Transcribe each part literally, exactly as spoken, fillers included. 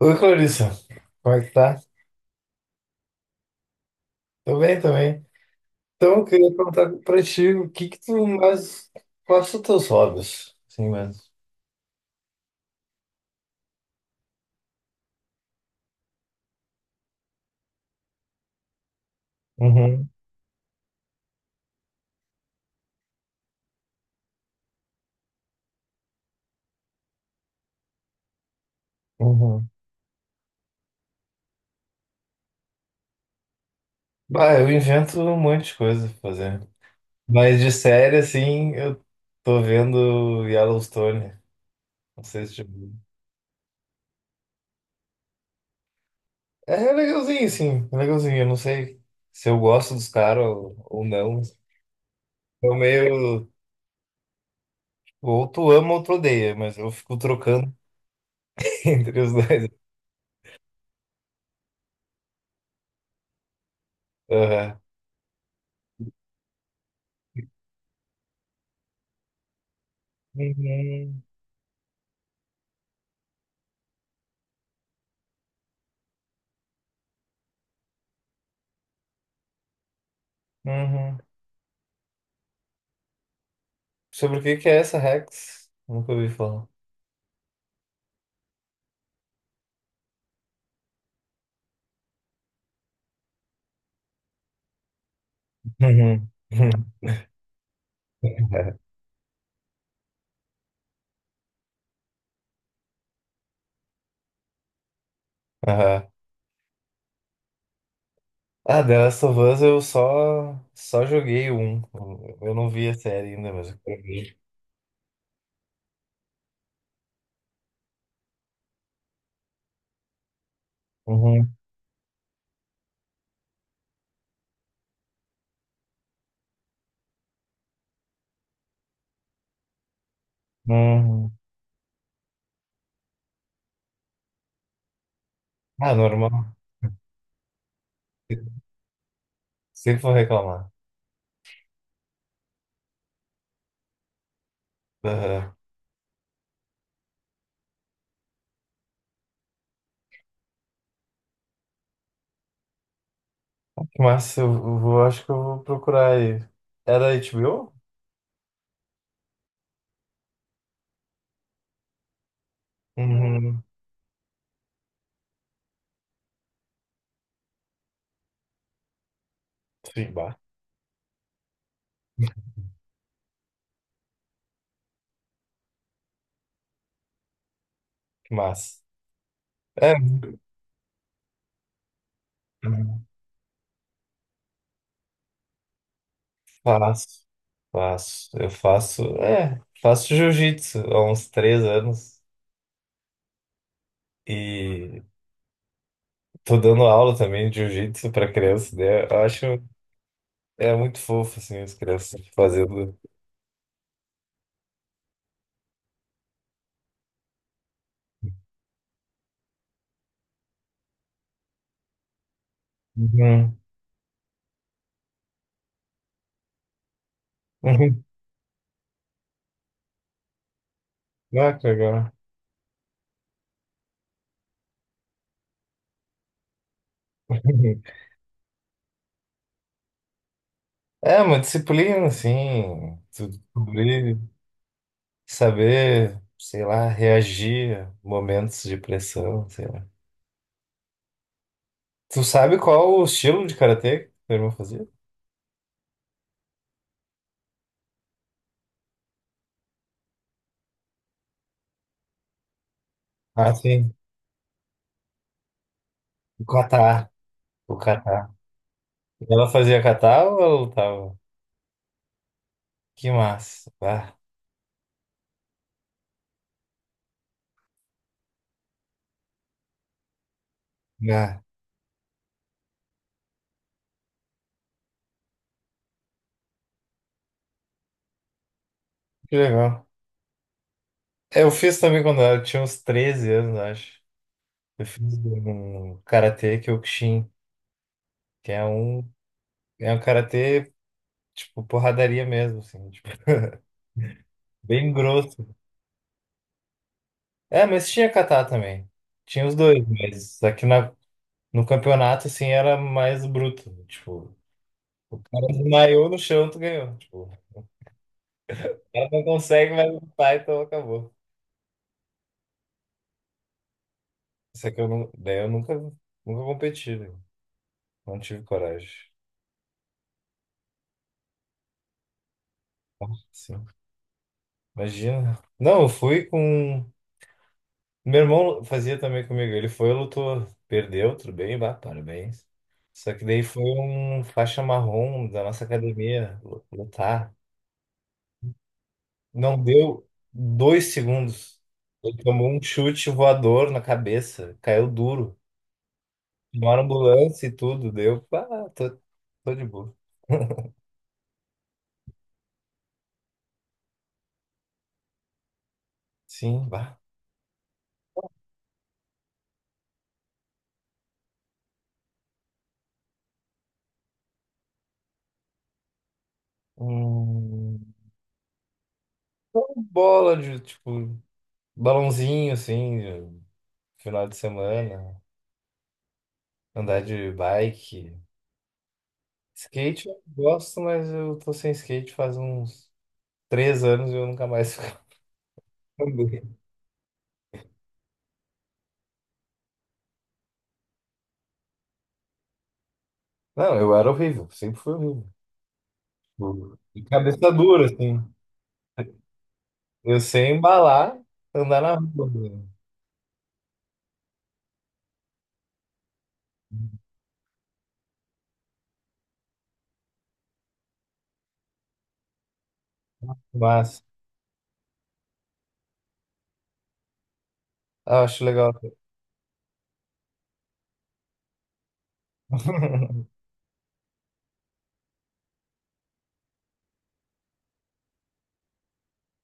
Oi, Clarissa. Como é que tá? Tô bem, também. Então, eu queria perguntar pra ti o que que tu mais... Quais são teus hobbies? Sim, mesmo. Uhum, uhum. Bah, eu invento um monte de coisa pra fazer. Mas de série, assim, eu tô vendo Yellowstone. Não sei se... tipo. É legalzinho, sim. É legalzinho. Eu não sei se eu gosto dos caras ou, ou não. Eu meio... Ou tu ama ou tu odeia, mas eu fico trocando entre os dois. Aham. Uhum. Uhum. Sobre o que que é essa Rex? Nunca ouvi falar. Uhum. Aham. Ah, The Last of Us eu só, só joguei um. Eu não vi a série ainda, mas eu quero ver. Uhum. Uhum. Ah, normal. Sempre vou reclamar. Aham. Mas eu eu vou, acho que eu vou procurar aí. Era H B O? Uhum. Sim, bah. Que massa. É. Uhum. Faço. Faço. Eu faço. É, faço jiu-jitsu há uns três anos. E tô dando aula também de jiu-jitsu pra criança, né? Eu acho é muito fofo, assim, as crianças fazendo. Uhum. Uhum. Ah, que legal. É uma disciplina, assim, tu descobrir, saber, sei lá, reagir a momentos de pressão, sei lá. Tu sabe qual o estilo de karatê que tua irmã fazia? Ah, sim. O kata. O kata. Ela fazia kata ou ela lutava? Que massa. Ah, ah, que legal. É, eu fiz também quando eu tinha uns treze anos, acho. Eu fiz um karatê Kyokushin, que é um, é um karatê, tipo, porradaria mesmo, assim, tipo, bem grosso. É, mas tinha kata também. Tinha os dois, mas aqui na, no campeonato, assim, era mais bruto. Tipo, o cara desmaiou no chão, tu ganhou. Tipo, o cara não consegue mais lutar, então acabou. Isso aqui eu, nu- daí eu nunca, nunca competi, né? Não tive coragem. Sim, imagina. Não, eu fui com. Meu irmão fazia também comigo. Ele foi, lutou, perdeu, tudo bem, bah, parabéns. Só que daí foi um faixa marrom da nossa academia lu- lutar. Não deu dois segundos. Ele tomou um chute voador na cabeça, caiu duro. Chamaram ambulância e tudo, deu. Ah, tô, tô de boa. Sim, bah. Hum, então, bola de, tipo, balãozinho, assim, de final de semana. Andar de bike. Skate eu gosto, mas eu tô sem skate faz uns três anos e eu nunca mais andei. Não, eu era horrível, sempre fui horrível. Tipo, de cabeça dura, assim. Eu sei embalar, andar na rua, né? Mas ah, acho legal.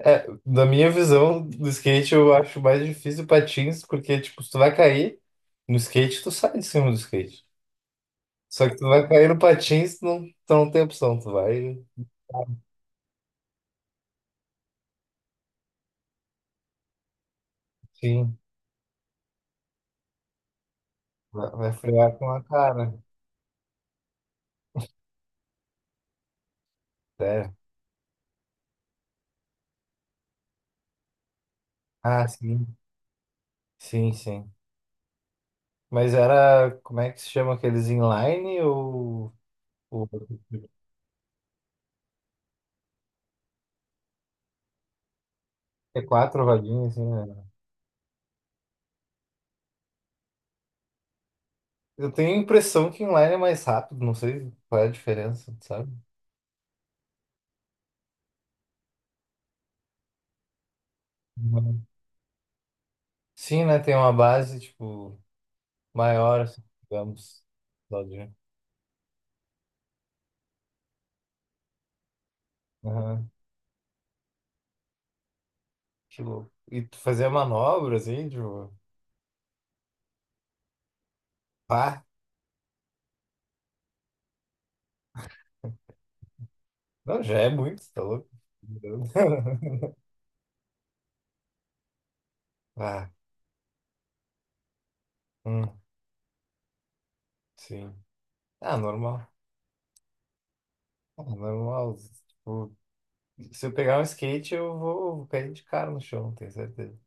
É, da minha visão do skate, eu acho mais difícil patins, porque, tipo, se tu vai cair no skate, tu sai de cima do skate. Só que tu vai cair no patins, tu não, tu não tem opção, tu vai, sim, vai vai frear com a cara. É, ah, sim. Sim, sim. Mas era, como é que se chama aqueles inline ou, ou é quatro rodinhas, assim, né? Eu tenho a impressão que inline é mais rápido, não sei qual é a diferença, sabe? Uhum. Sim, né? Tem uma base, tipo, maior, assim, digamos. Claudinho. Aham. Que louco. E tu fazia manobra, assim, tipo, pá. Não, já é muito, tá louco? Ah, hum, sim. Ah, normal. Ah, normal. Tipo, se eu pegar um skate, eu vou, vou cair de cara no chão, tenho certeza.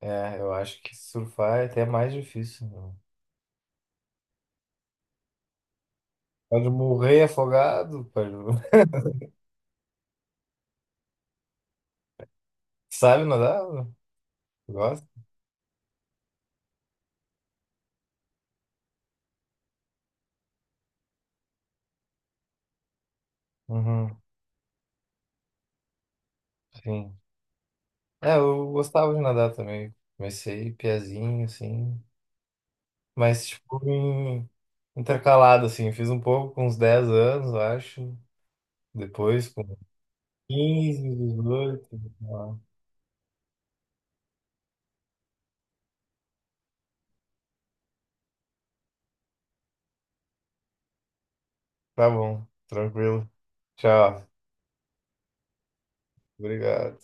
É, eu acho que surfar é até mais difícil. Meu. Pode morrer afogado, pode... Sabe nadar? Gosta? Uhum, sim. É, eu gostava de nadar também. Comecei piazinho, assim. Mas, tipo, em- intercalado, assim. Fiz um pouco com uns dez anos, eu acho. Depois com quinze dezoito, sei lá. Tá bom, tranquilo. Tchau. Obrigado.